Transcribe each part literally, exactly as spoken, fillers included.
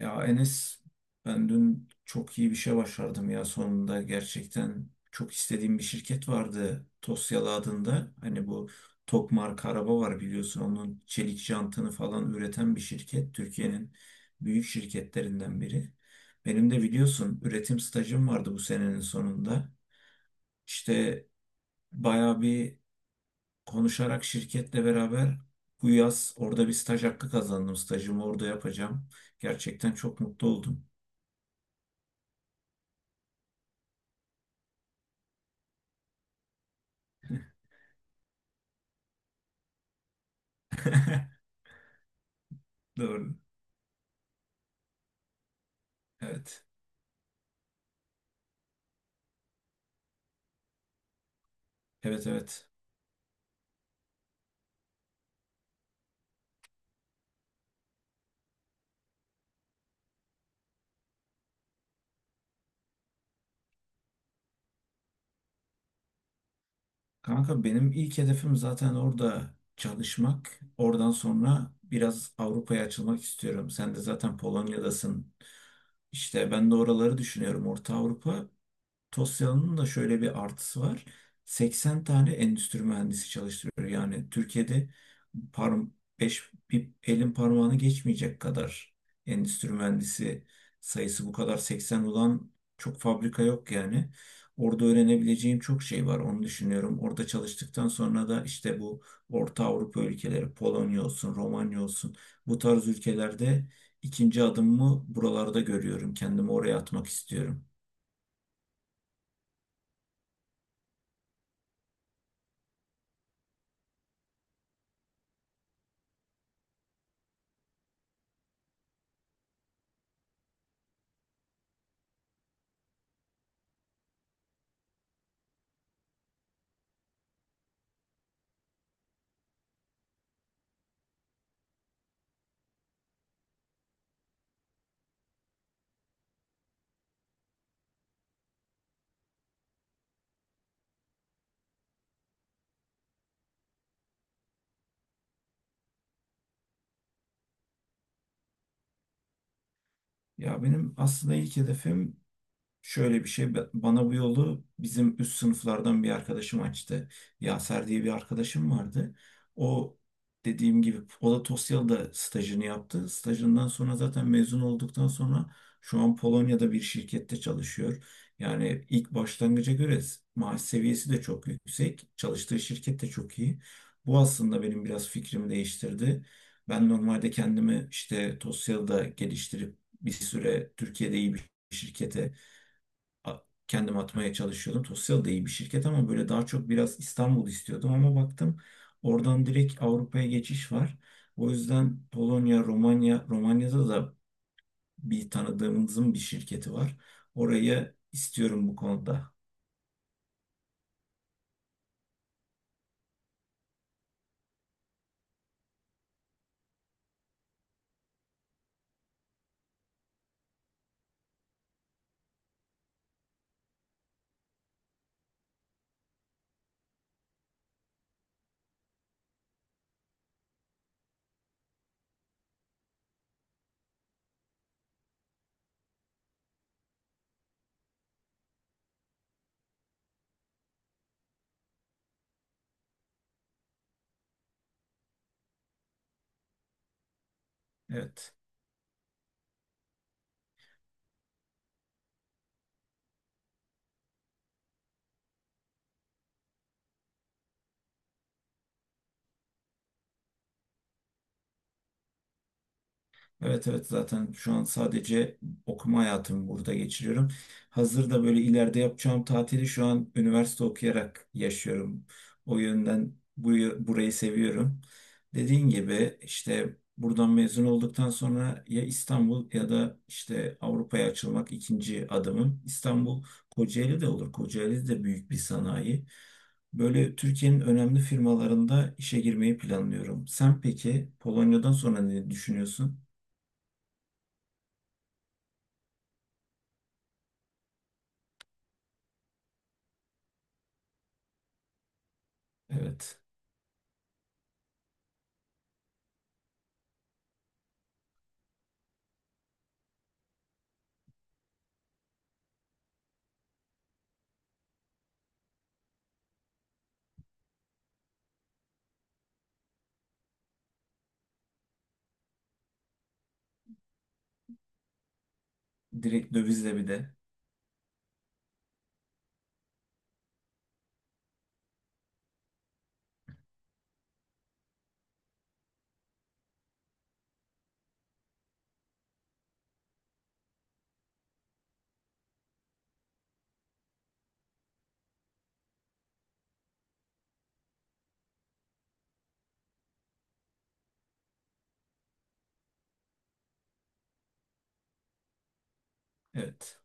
Ya Enes, ben dün çok iyi bir şey başardım ya, sonunda gerçekten çok istediğim bir şirket vardı, Tosyalı adında. Hani bu Tok marka araba var biliyorsun, onun çelik jantını falan üreten bir şirket. Türkiye'nin büyük şirketlerinden biri. Benim de biliyorsun üretim stajım vardı bu senenin sonunda. İşte bayağı bir konuşarak şirketle beraber bu yaz orada bir staj hakkı kazandım. Stajımı orada yapacağım. Gerçekten çok mutlu oldum. Doğru. Evet. Evet, evet. Kanka, benim ilk hedefim zaten orada çalışmak. Oradan sonra biraz Avrupa'ya açılmak istiyorum. Sen de zaten Polonya'dasın. İşte ben de oraları düşünüyorum. Orta Avrupa. Tosya'nın da şöyle bir artısı var. seksen tane endüstri mühendisi çalıştırıyor. Yani Türkiye'de parm beş, bir elin parmağını geçmeyecek kadar endüstri mühendisi sayısı, bu kadar seksen olan çok fabrika yok yani. Orada öğrenebileceğim çok şey var, onu düşünüyorum. Orada çalıştıktan sonra da işte bu Orta Avrupa ülkeleri, Polonya olsun, Romanya olsun, bu tarz ülkelerde ikinci adımımı buralarda görüyorum. Kendimi oraya atmak istiyorum. Ya benim aslında ilk hedefim şöyle bir şey, ba- bana bu yolu bizim üst sınıflardan bir arkadaşım açtı. Yaser diye bir arkadaşım vardı. O, dediğim gibi o da Tosyalı'da stajını yaptı. Stajından sonra zaten mezun olduktan sonra şu an Polonya'da bir şirkette çalışıyor. Yani ilk başlangıca göre s- maaş seviyesi de çok yüksek. Çalıştığı şirket de çok iyi. Bu aslında benim biraz fikrimi değiştirdi. Ben normalde kendimi işte Tosyalı'da geliştirip bir süre Türkiye'de iyi bir şirkete a- kendim atmaya çalışıyordum. Tosyal da iyi bir şirket ama böyle daha çok biraz İstanbul istiyordum, ama baktım oradan direkt Avrupa'ya geçiş var. O yüzden Polonya, Romanya, Romanya'da da bir tanıdığımızın bir şirketi var. Orayı istiyorum bu konuda. Evet. Evet, evet, zaten şu an sadece okuma hayatımı burada geçiriyorum. Hazırda böyle ileride yapacağım tatili şu an üniversite okuyarak yaşıyorum. O yönden bu, burayı seviyorum. Dediğin gibi işte buradan mezun olduktan sonra ya İstanbul ya da işte Avrupa'ya açılmak ikinci adımım. İstanbul, Kocaeli de olur. Kocaeli de büyük bir sanayi. Böyle Türkiye'nin önemli firmalarında işe girmeyi planlıyorum. Sen peki Polonya'dan sonra ne düşünüyorsun? Evet. Direkt dövizle bir de. Evet.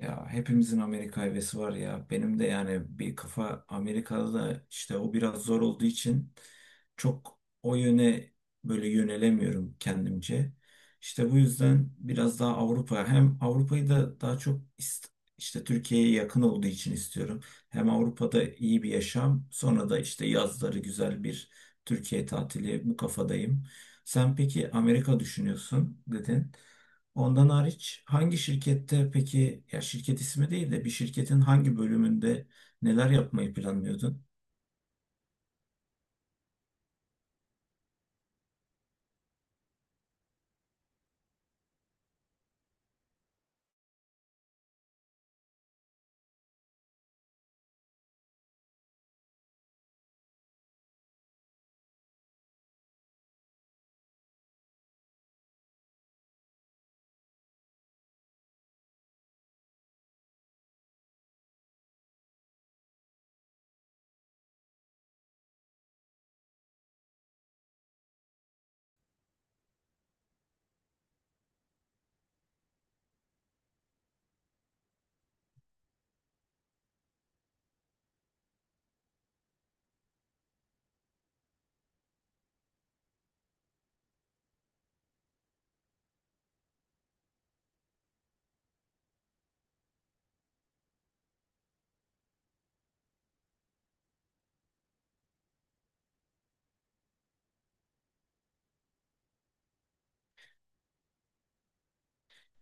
Ya hepimizin Amerika hevesi var ya. Benim de yani bir kafa Amerika'da, işte o biraz zor olduğu için çok o yöne böyle yönelemiyorum kendimce. İşte bu yüzden biraz daha Avrupa, hem Avrupa'yı da daha çok ist- işte Türkiye'ye yakın olduğu için istiyorum. Hem Avrupa'da iyi bir yaşam, sonra da işte yazları güzel bir Türkiye tatili, bu kafadayım. Sen peki Amerika düşünüyorsun dedin. Ondan hariç hangi şirkette, peki ya şirket ismi değil de bir şirketin hangi bölümünde neler yapmayı planlıyordun?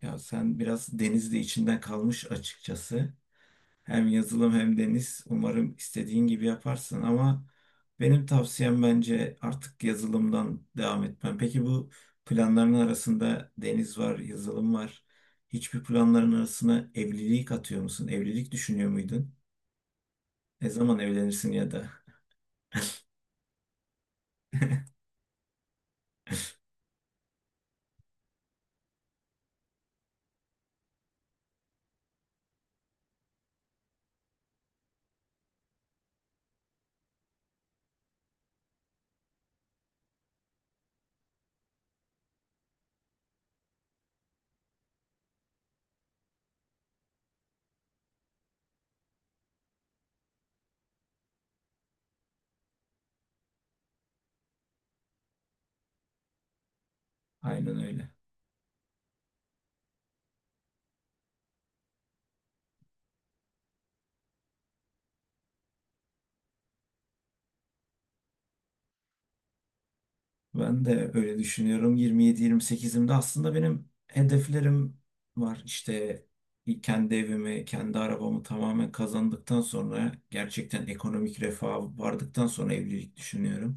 Ya sen biraz denizde içinden kalmış açıkçası. Hem yazılım hem deniz. Umarım istediğin gibi yaparsın ama benim tavsiyem, bence artık yazılımdan devam etmen. Peki bu planların arasında deniz var, yazılım var. Hiçbir planların arasına evlilik atıyor musun? Evlilik düşünüyor muydun? Ne zaman evlenirsin ya da? Aynen öyle. Ben de öyle düşünüyorum. yirmi yedi yirmi sekizimde aslında benim hedeflerim var. İşte kendi evimi, kendi arabamı tamamen kazandıktan sonra, gerçekten ekonomik refaha vardıktan sonra evlilik düşünüyorum.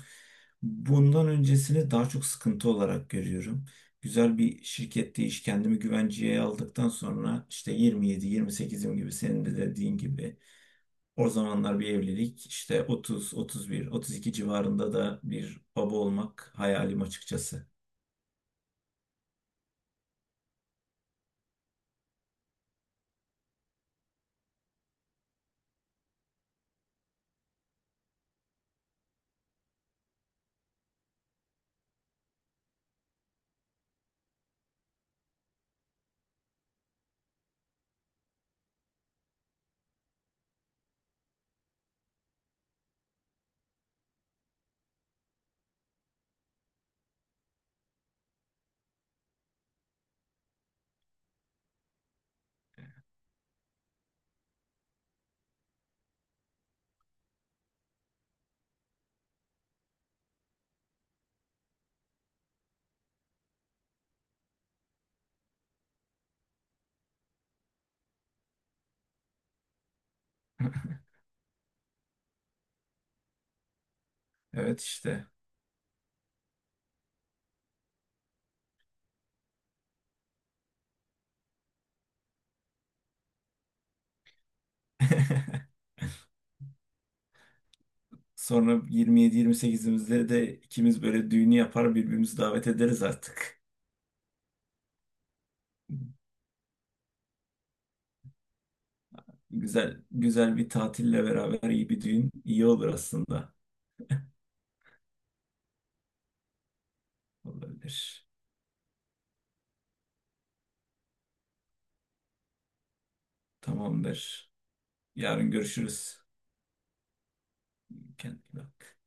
Bundan öncesini daha çok sıkıntı olarak görüyorum. Güzel bir şirkette iş, kendimi güvenceye aldıktan sonra, işte yirmi yedi yirmi sekizim gibi, senin de dediğin gibi o zamanlar bir evlilik, işte otuz, otuz bir, otuz iki civarında da bir baba olmak hayalim açıkçası. Evet işte. Sonra yirmi yedi yirmi sekizimizde de ikimiz böyle düğünü yapar, birbirimizi davet ederiz artık. Güzel güzel bir tatille beraber iyi bir düğün iyi olur aslında. Olabilir. Tamamdır. Yarın görüşürüz. Kendine iyi bak.